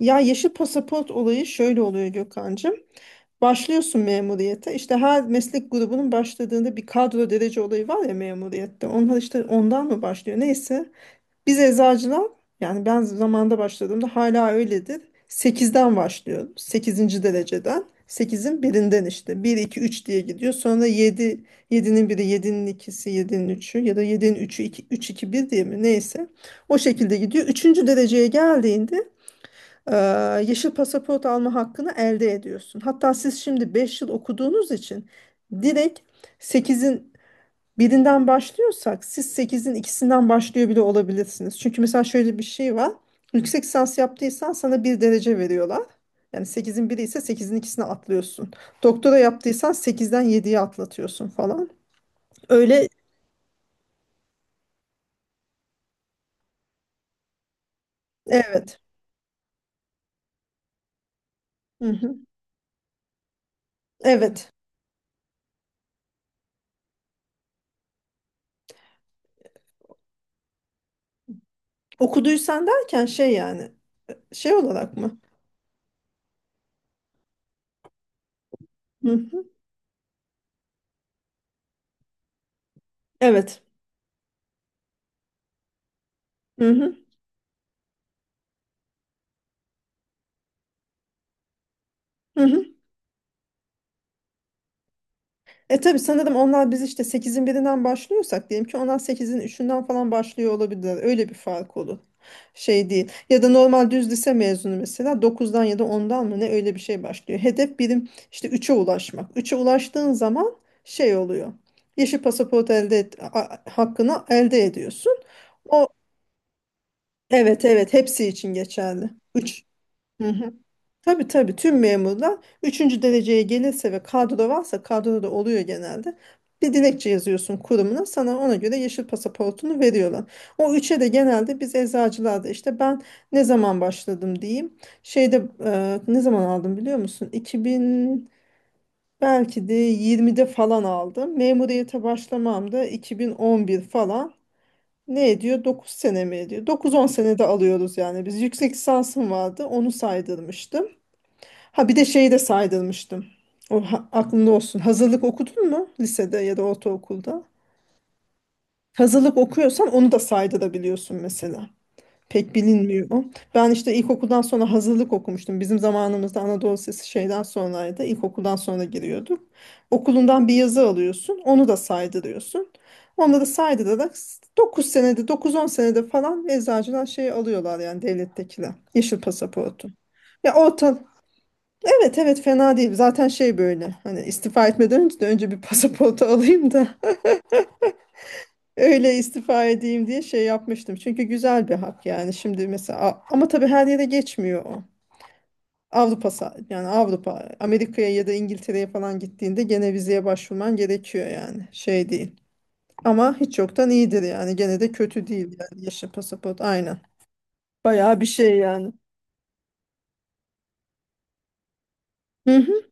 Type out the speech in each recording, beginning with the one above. Ya yeşil pasaport olayı şöyle oluyor Gökhan'cığım. Başlıyorsun memuriyete. İşte her meslek grubunun başladığında bir kadro derece olayı var ya memuriyette. Onlar işte ondan mı başlıyor? Neyse. Biz eczacılar yani ben zamanda başladığımda hala öyledir. Sekizden başlıyorum, sekizinci dereceden, sekizin birinden işte. Bir 2 3 diye gidiyor. Sonra yedi, yedi'nin biri, yedi'nin ikisi, yedi'nin üçü ya da yedi'nin üçü, iki üç iki bir diye mi? Neyse. O şekilde gidiyor. Üçüncü dereceye geldiğinde e, yeşil pasaport alma hakkını elde ediyorsun. Hatta siz şimdi 5 yıl okuduğunuz için direkt sekizin birinden başlıyorsak siz sekizin ikisinden başlıyor bile olabilirsiniz. Çünkü mesela şöyle bir şey var. Yüksek lisans yaptıysan sana bir derece veriyorlar. Yani sekizin biri ise sekizin ikisine atlıyorsun. Doktora yaptıysan sekizden 7'ye atlatıyorsun falan. Öyle, evet. Hı hı. Evet. Okuduysan derken şey yani şey olarak mı? Hı hı. Evet. Hı hı. Hı hı. E tabii sanırım onlar, biz işte sekizin birinden başlıyorsak diyelim ki onlar sekizin üçünden falan başlıyor olabilirler. Öyle bir fark olur. Şey değil. Ya da normal düz lise mezunu mesela dokuzdan ya da ondan mı ne öyle bir şey başlıyor. Hedef birim işte üçe ulaşmak. Üçe ulaştığın zaman şey oluyor. Yeşil pasaport elde et, hakkını elde ediyorsun. O evet, evet hepsi için geçerli. 3. Tabii tabii tüm memurlar üçüncü dereceye gelirse ve kadro varsa, kadro da oluyor genelde. Bir dilekçe yazıyorsun kurumuna, sana ona göre yeşil pasaportunu veriyorlar. O üçe de genelde biz eczacılarda işte, ben ne zaman başladım diyeyim. Şeyde ne zaman aldım biliyor musun? 2000, belki de 20'de falan aldım. Memuriyete başlamam da 2011 falan. Ne ediyor? Dokuz sene mi ediyor? Dokuz on senede alıyoruz yani. Biz, yüksek lisansım vardı onu saydırmıştım. Ha bir de şeyi de saydırmıştım. O aklında olsun. Hazırlık okudun mu lisede ya da ortaokulda? Hazırlık okuyorsan onu da saydırabiliyorsun mesela. Pek bilinmiyor o. Ben işte ilkokuldan sonra hazırlık okumuştum. Bizim zamanımızda Anadolu Lisesi şeyden sonraydı. İlkokuldan sonra giriyorduk. Okulundan bir yazı alıyorsun. Onu da saydırıyorsun. Onları saydırarak 9 senede, dokuz on senede falan eczacıdan şey alıyorlar yani devlettekiler. Yeşil pasaportu. Ya orta, evet evet fena değil. Zaten şey, böyle hani istifa etmeden önce de önce bir pasaportu alayım da öyle istifa edeyim diye şey yapmıştım. Çünkü güzel bir hak yani şimdi mesela, ama tabii her yere geçmiyor o. Yani Avrupa, Amerika'ya ya da İngiltere'ye falan gittiğinde gene vizeye başvurman gerekiyor, yani şey değil. Ama hiç yoktan iyidir yani, gene de kötü değil yani yeşil pasaport, aynen. Bayağı bir şey yani. Hı hı.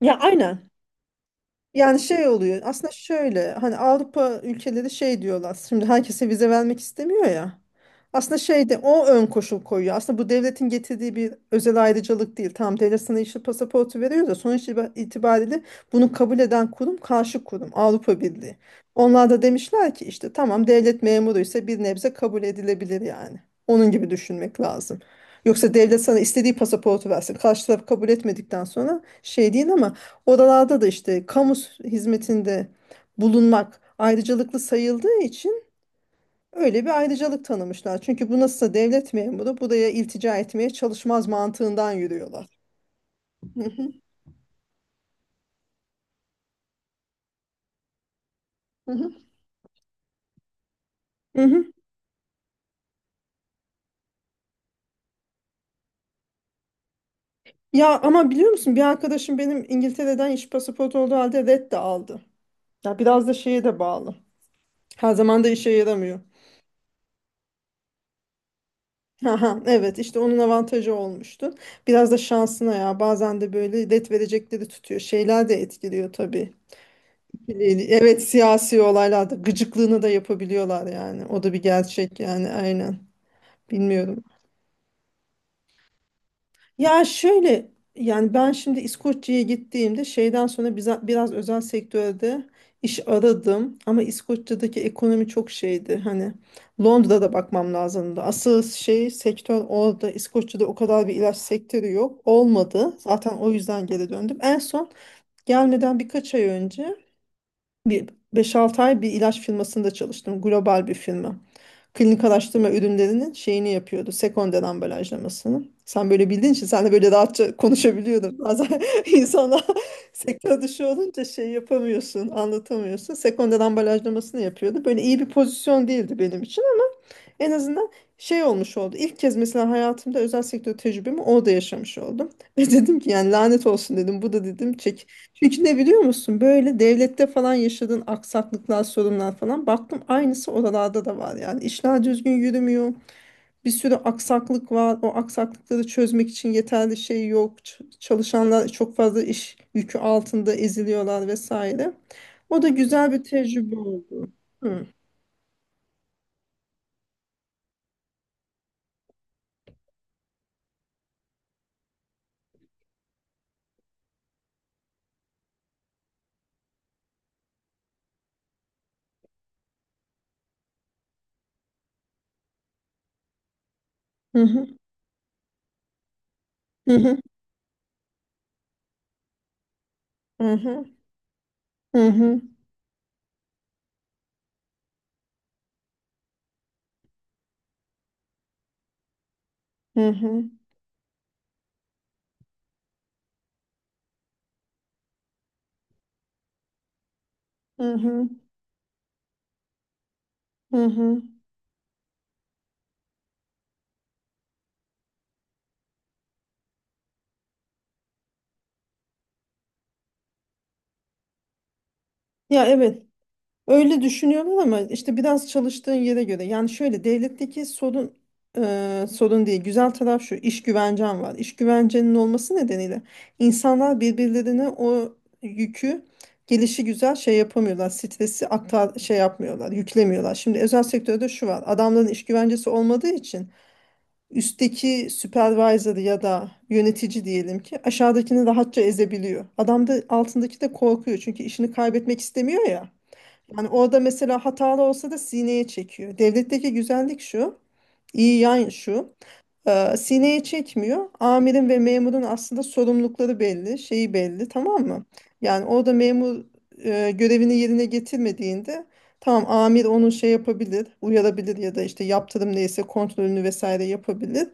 Ya aynen. Yani şey oluyor aslında, şöyle hani Avrupa ülkeleri şey diyorlar, şimdi herkese vize vermek istemiyor ya, aslında şeyde o ön koşul koyuyor. Aslında bu devletin getirdiği bir özel ayrıcalık değil. Tam devlet sana yeşil pasaportu veriyor da sonuç itibariyle bunu kabul eden kurum, karşı kurum Avrupa Birliği, onlar da demişler ki işte tamam devlet memuru ise bir nebze kabul edilebilir yani. Onun gibi düşünmek lazım. Yoksa devlet sana istediği pasaportu versin, karşı taraf kabul etmedikten sonra şey değil. Ama oralarda da işte kamu hizmetinde bulunmak ayrıcalıklı sayıldığı için öyle bir ayrıcalık tanımışlar. Çünkü bu, nasılsa devlet memuru buraya iltica etmeye çalışmaz mantığından yürüyorlar. Hı hı, hı hı, hı hı. Ya ama biliyor musun bir arkadaşım benim, İngiltere'den iş pasaportu olduğu halde red de aldı. Ya biraz da şeye de bağlı. Her zaman da işe yaramıyor. Aha, evet işte onun avantajı olmuştu. Biraz da şansına, ya bazen de böyle red verecekleri tutuyor. Şeyler de etkiliyor tabii. Evet, siyasi olaylarda gıcıklığını da yapabiliyorlar yani. O da bir gerçek yani, aynen. Bilmiyorum. Ya şöyle yani, ben şimdi İskoçya'ya gittiğimde şeyden sonra biraz özel sektörde iş aradım ama İskoçya'daki ekonomi çok şeydi. Hani Londra'da bakmam lazımdı. Asıl şey sektör orada. İskoçya'da o kadar bir ilaç sektörü yok. Olmadı. Zaten o yüzden geri döndüm. En son gelmeden birkaç ay önce bir beş altı ay bir ilaç firmasında çalıştım. Global bir firma. Klinik araştırma ürünlerinin şeyini yapıyordu. Sekonder ambalajlamasını. Sen böyle bildiğin için sen de böyle rahatça konuşabiliyordun. Bazen insana sektör dışı olunca şey yapamıyorsun, anlatamıyorsun. Sekonder ambalajlamasını yapıyordu. Böyle iyi bir pozisyon değildi benim için. En azından şey olmuş oldu. İlk kez mesela hayatımda özel sektör tecrübemi orada yaşamış oldum. Ve dedim ki yani lanet olsun dedim. Bu da dedim çek. Çünkü ne biliyor musun? Böyle devlette falan yaşadığın aksaklıklar, sorunlar falan. Baktım aynısı oralarda da var yani. İşler düzgün yürümüyor. Bir sürü aksaklık var. O aksaklıkları çözmek için yeterli şey yok. Çalışanlar çok fazla iş yükü altında eziliyorlar vesaire. O da güzel bir tecrübe oldu. Hı. Hı hı. Hı hı. Hı hı. Hı hı. Hı hı. Hı hı. Hı hı. Ya evet. Öyle düşünüyorum ama işte biraz çalıştığın yere göre. Yani şöyle devletteki sorun, sorun değil. Güzel taraf şu. İş güvencen var. İş güvencenin olması nedeniyle insanlar birbirlerine o yükü gelişi güzel şey yapamıyorlar. Stresi aktar şey yapmıyorlar, yüklemiyorlar. Şimdi özel sektörde şu var. Adamların iş güvencesi olmadığı için üstteki supervisor ya da yönetici diyelim ki aşağıdakini rahatça ezebiliyor. Adam da altındaki de korkuyor çünkü işini kaybetmek istemiyor ya. Yani orada mesela hatalı olsa da sineye çekiyor. Devletteki güzellik şu, iyi yan şu, sineye çekmiyor. Amirin ve memurun aslında sorumlulukları belli, şeyi belli, tamam mı? Yani orada memur görevini yerine getirmediğinde, tamam amir onu şey yapabilir, uyarabilir ya da işte yaptırım neyse, kontrolünü vesaire yapabilir.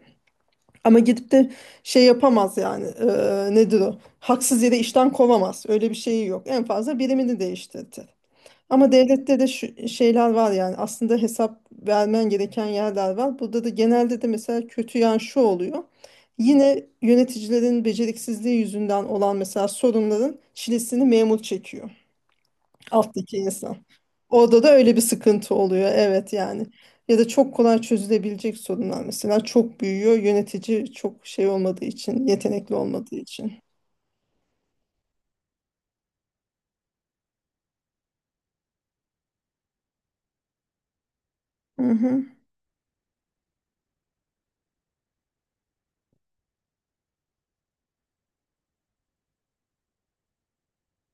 Ama gidip de şey yapamaz yani, nedir o? Haksız yere işten kovamaz. Öyle bir şeyi yok. En fazla birimini değiştirdi. Ama devlette de şu şeyler var yani, aslında hesap vermen gereken yerler var. Burada da genelde de mesela kötü yan şu oluyor. Yine yöneticilerin beceriksizliği yüzünden olan mesela sorunların çilesini memur çekiyor. Alttaki insan. Orada da öyle bir sıkıntı oluyor. Evet yani. Ya da çok kolay çözülebilecek sorunlar mesela çok büyüyor. Yönetici çok şey olmadığı için, yetenekli olmadığı için. Hı hı.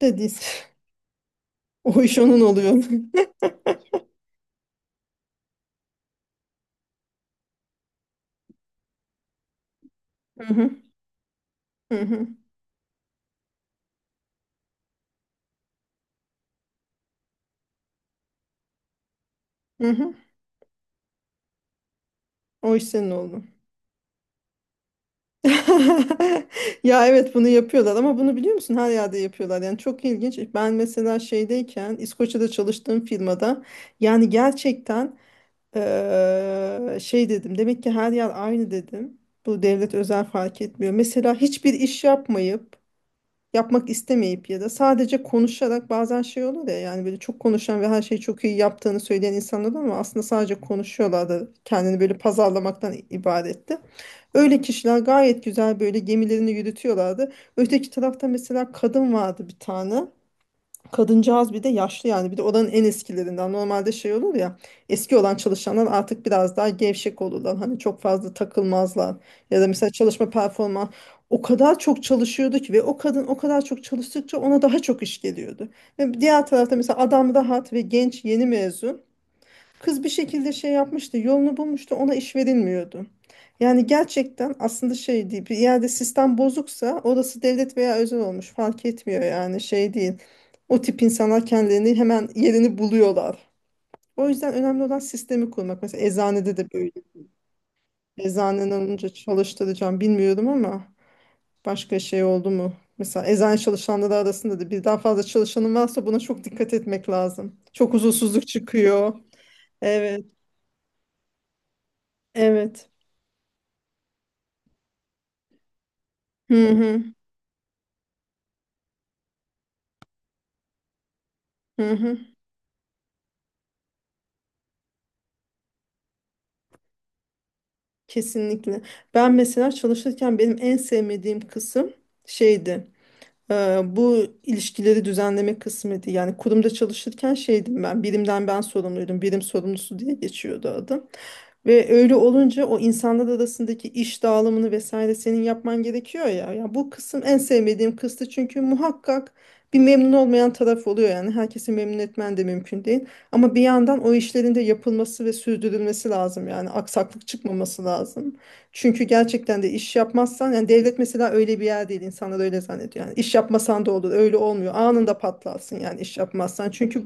Dediyse o iş onun oluyor. Hı hı. Hı hı. Hı hı. O iş senin oldu. Ya evet bunu yapıyorlar, ama bunu biliyor musun, her yerde yapıyorlar yani çok ilginç. Ben mesela şeydeyken İskoçya'da çalıştığım firmada yani gerçekten, şey dedim, demek ki her yer aynı dedim. Bu devlet özel fark etmiyor. Mesela hiçbir iş yapmayıp, yapmak istemeyip ya da sadece konuşarak, bazen şey olur ya yani böyle çok konuşan ve her şeyi çok iyi yaptığını söyleyen insanlar var, ama aslında sadece konuşuyorlar da kendini böyle pazarlamaktan ibaretti. Öyle kişiler gayet güzel böyle gemilerini yürütüyorlardı. Öteki tarafta mesela kadın vardı bir tane. Kadıncağız bir de yaşlı yani, bir de oranın en eskilerinden, normalde şey olur ya, eski olan çalışanlar artık biraz daha gevşek olurlar hani, çok fazla takılmazlar ya da mesela çalışma performans, o kadar çok çalışıyordu ki ve o kadın o kadar çok çalıştıkça ona daha çok iş geliyordu. Ve diğer tarafta mesela adam rahat ve genç yeni mezun kız, bir şekilde şey yapmıştı, yolunu bulmuştu, ona iş verilmiyordu. Yani gerçekten aslında şey değil, bir yerde sistem bozuksa orası devlet veya özel olmuş fark etmiyor yani, şey değil. O tip insanlar kendilerini hemen yerini buluyorlar. O yüzden önemli olan sistemi kurmak. Mesela eczanede de böyle. Eczanen olunca çalıştıracağım bilmiyorum ama başka şey oldu mu? Mesela eczane çalışanları arasında da birden fazla çalışanın varsa buna çok dikkat etmek lazım. Çok huzursuzluk çıkıyor. Evet, evet. Hı hı. Hı hı, kesinlikle. Ben mesela çalışırken benim en sevmediğim kısım şeydi. Bu ilişkileri düzenleme kısmıydı. Yani kurumda çalışırken şeydim ben, birimden ben sorumluydum, birim sorumlusu diye geçiyordu adım. Ve öyle olunca o insanlar arasındaki iş dağılımını vesaire senin yapman gerekiyor ya. Ya bu kısım en sevmediğim kısmı çünkü muhakkak bir memnun olmayan taraf oluyor yani. Herkesi memnun etmen de mümkün değil. Ama bir yandan o işlerin de yapılması ve sürdürülmesi lazım yani, aksaklık çıkmaması lazım. Çünkü gerçekten de iş yapmazsan yani, devlet mesela öyle bir yer değil, insanlar öyle zannediyor. Yani iş yapmasan da olur, öyle olmuyor. Anında patlarsın yani iş yapmazsan. Çünkü,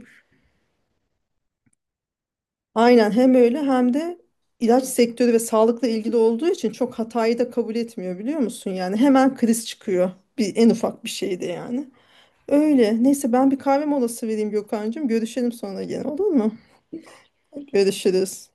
aynen hem öyle hem de ilaç sektörü ve sağlıkla ilgili olduğu için çok hatayı da kabul etmiyor biliyor musun? Yani hemen kriz çıkıyor bir en ufak bir şeyde yani. Öyle. Neyse ben bir kahve molası vereyim Gökhan'cığım. Görüşelim sonra gene, olur mu? Görüşürüz.